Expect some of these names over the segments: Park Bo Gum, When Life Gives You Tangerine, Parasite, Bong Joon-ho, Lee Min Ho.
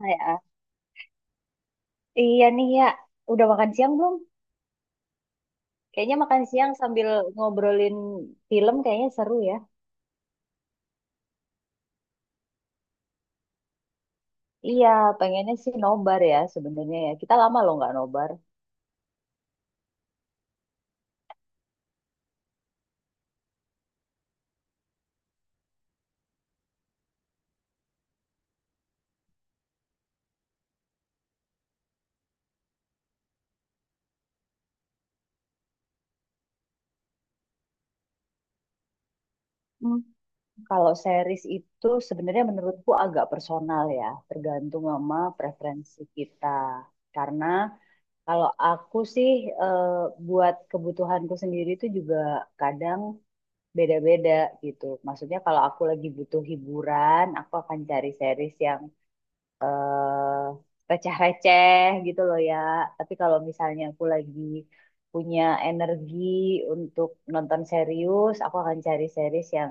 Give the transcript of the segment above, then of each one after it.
Hai. Ah, ya. Iya nih ya, udah makan siang belum? Kayaknya makan siang sambil ngobrolin film kayaknya seru ya. Iya, pengennya sih nobar ya sebenarnya ya. Kita lama loh nggak nobar. Hmm, Kalau series itu sebenarnya menurutku agak personal ya, tergantung sama preferensi kita. Karena kalau aku sih eh, buat kebutuhanku sendiri itu juga kadang beda-beda gitu. Maksudnya kalau aku lagi butuh hiburan, aku akan cari series yang eh receh-receh gitu loh ya. Tapi kalau misalnya aku lagi punya energi untuk nonton serius, aku akan cari series yang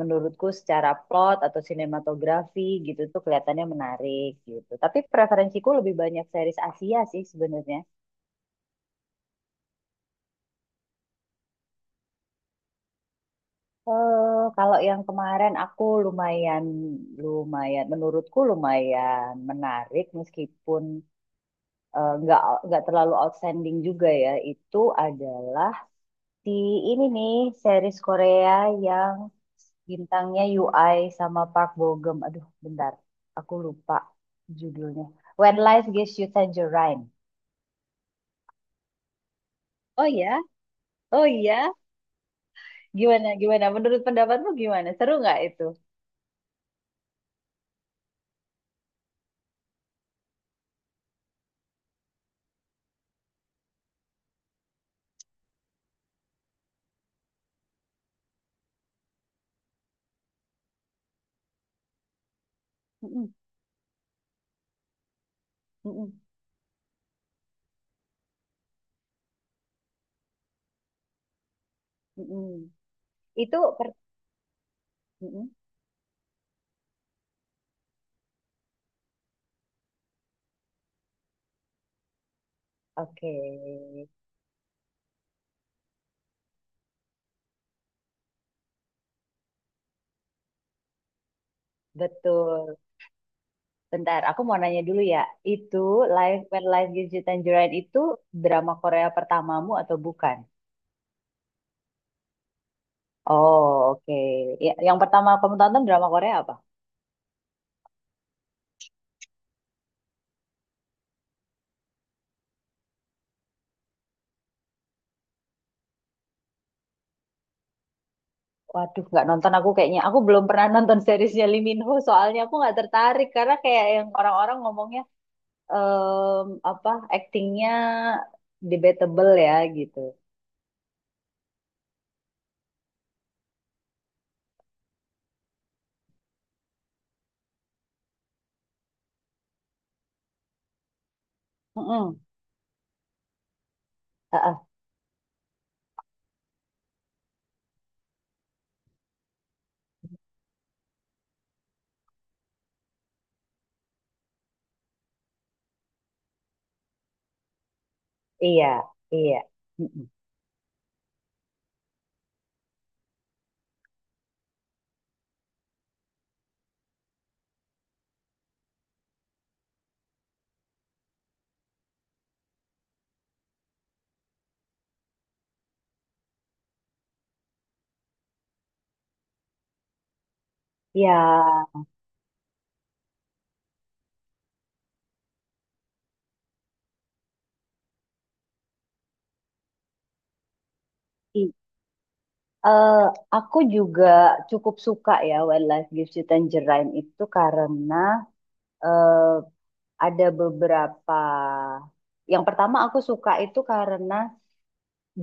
menurutku secara plot atau sinematografi gitu tuh kelihatannya menarik gitu. Tapi preferensiku lebih banyak series Asia sih sebenarnya. Kalau yang kemarin aku lumayan, menurutku lumayan menarik meskipun nggak terlalu outstanding juga ya. Itu adalah di ini nih series Korea yang bintangnya UI sama Park Bo Gum. Aduh, bentar. Aku lupa judulnya. When Life Gives You Tangerine. Oh ya, oh iya. Gimana, gimana? Menurut pendapatmu gimana? Seru nggak itu? Mm-mm, mm-mm, mm-mm. Itu per... Mm-mm. Oke, betul. Bentar, aku mau nanya dulu ya. Itu When Life Gives You Tangerine itu drama Korea pertamamu atau bukan? Oh, oke. Ya, yang pertama kamu tonton drama Korea apa? Waduh, nggak nonton aku kayaknya. Aku belum pernah nonton seriesnya Lee Min Ho, soalnya aku nggak tertarik karena kayak yang orang-orang ngomongnya apa actingnya debatable ya gitu. Mm-mm. Ah, ah, iya, iya. Mm-mm. Ya, Eh, aku juga cukup suka ya Wildlife Gives You Tangerine itu karena eh, ada beberapa. Yang pertama aku suka itu karena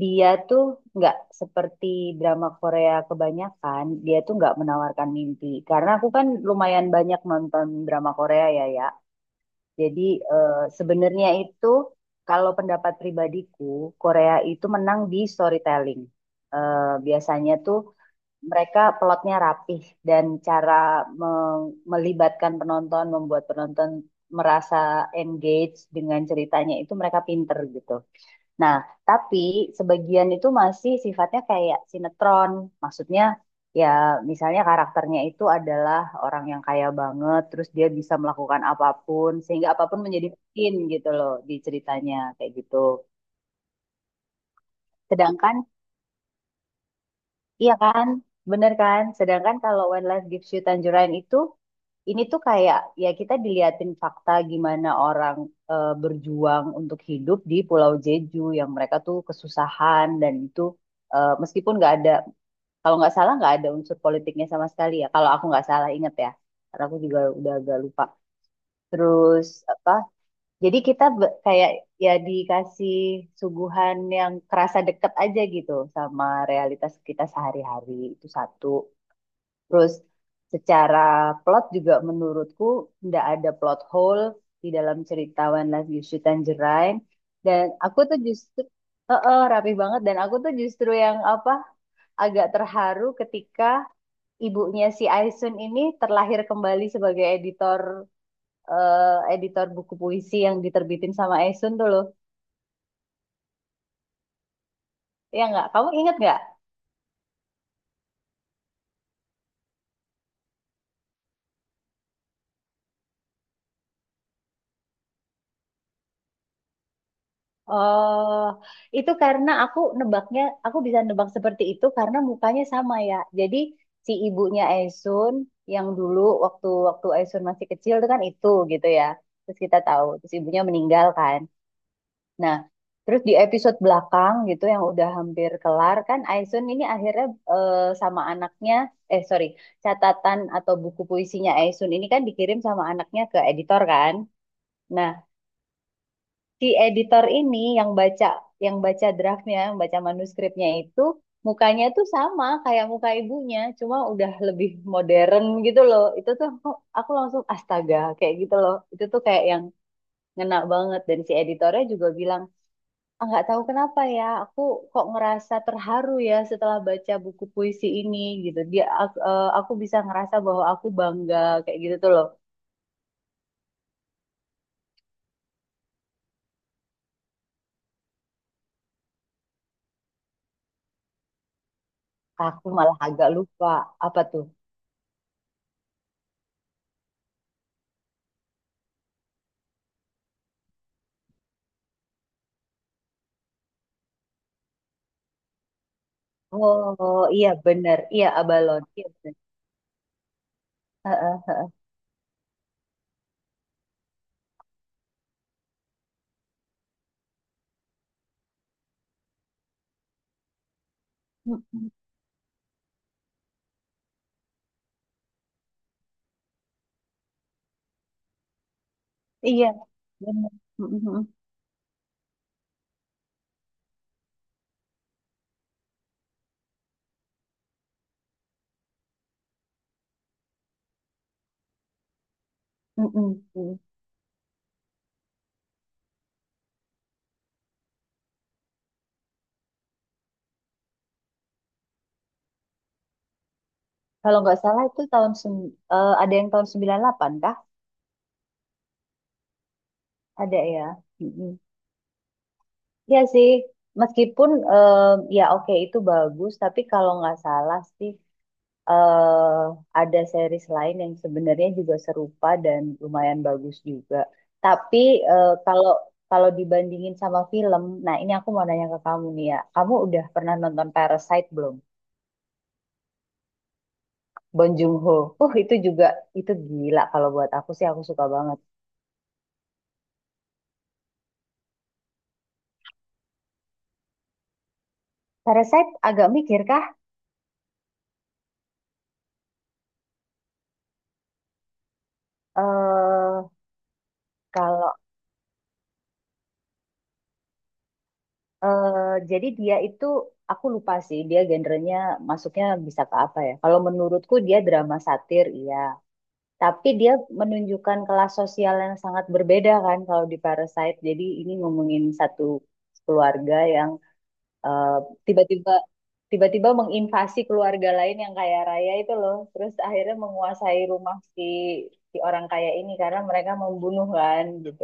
dia tuh nggak seperti drama Korea kebanyakan, dia tuh nggak menawarkan mimpi. Karena aku kan lumayan banyak nonton drama Korea ya ya. Jadi eh, sebenarnya itu kalau pendapat pribadiku Korea itu menang di storytelling. Eh, Biasanya tuh mereka plotnya rapih dan cara meng- melibatkan penonton, membuat penonton merasa engage dengan ceritanya itu mereka pinter gitu. Nah, tapi sebagian itu masih sifatnya kayak sinetron. Maksudnya ya misalnya karakternya itu adalah orang yang kaya banget, terus dia bisa melakukan apapun sehingga apapun menjadi mungkin gitu loh di ceritanya kayak gitu. Sedangkan Iya kan? Bener kan? Sedangkan kalau When Life Gives You Tangerine itu, ini tuh kayak ya kita diliatin fakta gimana orang berjuang untuk hidup di Pulau Jeju yang mereka tuh kesusahan. Dan itu meskipun nggak ada, kalau nggak salah nggak ada unsur politiknya sama sekali ya. Kalau aku nggak salah inget ya, karena aku juga udah agak lupa. Terus apa? Jadi kita kayak ya dikasih suguhan yang kerasa deket aja gitu sama realitas kita sehari-hari itu satu. Terus secara plot juga menurutku nggak ada plot hole di dalam cerita One Love You Tangerine. Dan aku tuh justru rapi banget, dan aku tuh justru yang apa agak terharu ketika ibunya si Aisun ini terlahir kembali sebagai editor buku puisi yang diterbitin sama Esun tuh loh. Ya nggak? Kamu inget nggak? Oh, itu karena aku nebaknya, aku bisa nebak seperti itu karena mukanya sama ya. Jadi si ibunya Esun yang dulu waktu waktu Esun masih kecil itu kan itu gitu ya. Terus kita tahu, terus ibunya meninggal kan. Nah, terus di episode belakang gitu yang udah hampir kelar kan Aisun ini akhirnya eh, sama anaknya, sorry, catatan atau buku puisinya Aisun ini kan dikirim sama anaknya ke editor kan. Nah, si editor ini yang baca draftnya, yang baca manuskripnya itu, mukanya tuh sama kayak muka ibunya, cuma udah lebih modern gitu loh. Itu tuh aku langsung astaga kayak gitu loh. Itu tuh kayak yang ngena banget, dan si editornya juga bilang, "Ah, nggak tahu kenapa ya, aku kok ngerasa terharu ya setelah baca buku puisi ini," gitu dia. Aku bisa ngerasa bahwa aku bangga, kayak gitu tuh loh. Ah, aku malah agak lupa apa tuh. Oh iya, bener. Iya, abalon. Iya, bener. Heeh, heeh. Mm-mm. Iya, bener. Mm-mm. Mm-mm. Kalau nggak salah itu ada yang tahun 98 kah. Ada ya. Mm-mm. Iya sih. Meskipun ya oke itu bagus, tapi kalau nggak salah sih eh ada series lain yang sebenarnya juga serupa dan lumayan bagus juga. Tapi kalau kalau dibandingin sama film, nah ini aku mau nanya ke kamu nih ya. Kamu udah pernah nonton Parasite belum? Bong Joon-ho. Itu juga itu gila kalau buat aku sih, aku suka banget. Parasite agak mikir kah? Eh kalau eh jadi dia itu, aku lupa sih dia genrenya masuknya bisa ke apa ya. Kalau menurutku dia drama satir, iya. Tapi dia menunjukkan kelas sosial yang sangat berbeda kan kalau di Parasite. Jadi ini ngomongin satu keluarga yang eh, tiba-tiba tiba-tiba menginvasi keluarga lain yang kaya raya itu loh. Terus akhirnya menguasai rumah si si orang kaya ini karena mereka membunuh kan gitu.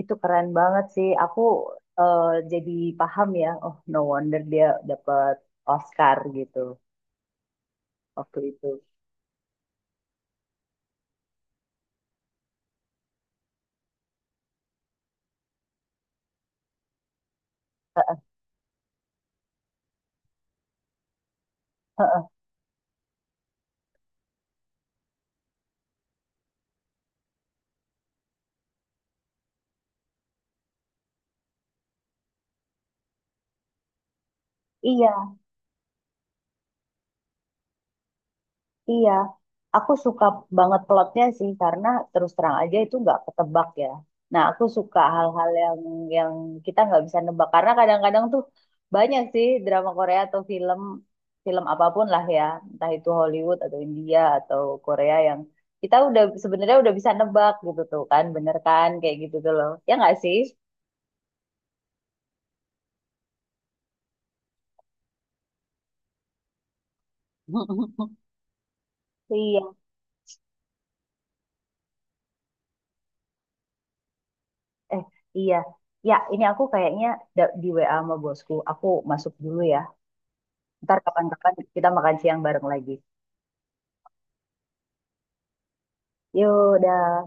Itu keren banget sih. Eh, jadi paham ya. Oh, no wonder dia dapat Oscar gitu waktu itu. Iya. Iya, aku suka banget plotnya sih karena terus terang aja itu nggak ketebak ya. Nah, aku suka hal-hal yang kita nggak bisa nebak, karena kadang-kadang tuh banyak sih drama Korea atau film film apapun lah ya, entah itu Hollywood atau India atau Korea yang kita sebenarnya udah bisa nebak gitu tuh kan, bener kan kayak gitu tuh loh. Ya nggak sih? Iya, eh iya. Ya, ini aku kayaknya di WA sama bosku. Aku masuk dulu ya. Ntar kapan-kapan kita makan siang bareng lagi. Yuk, dah.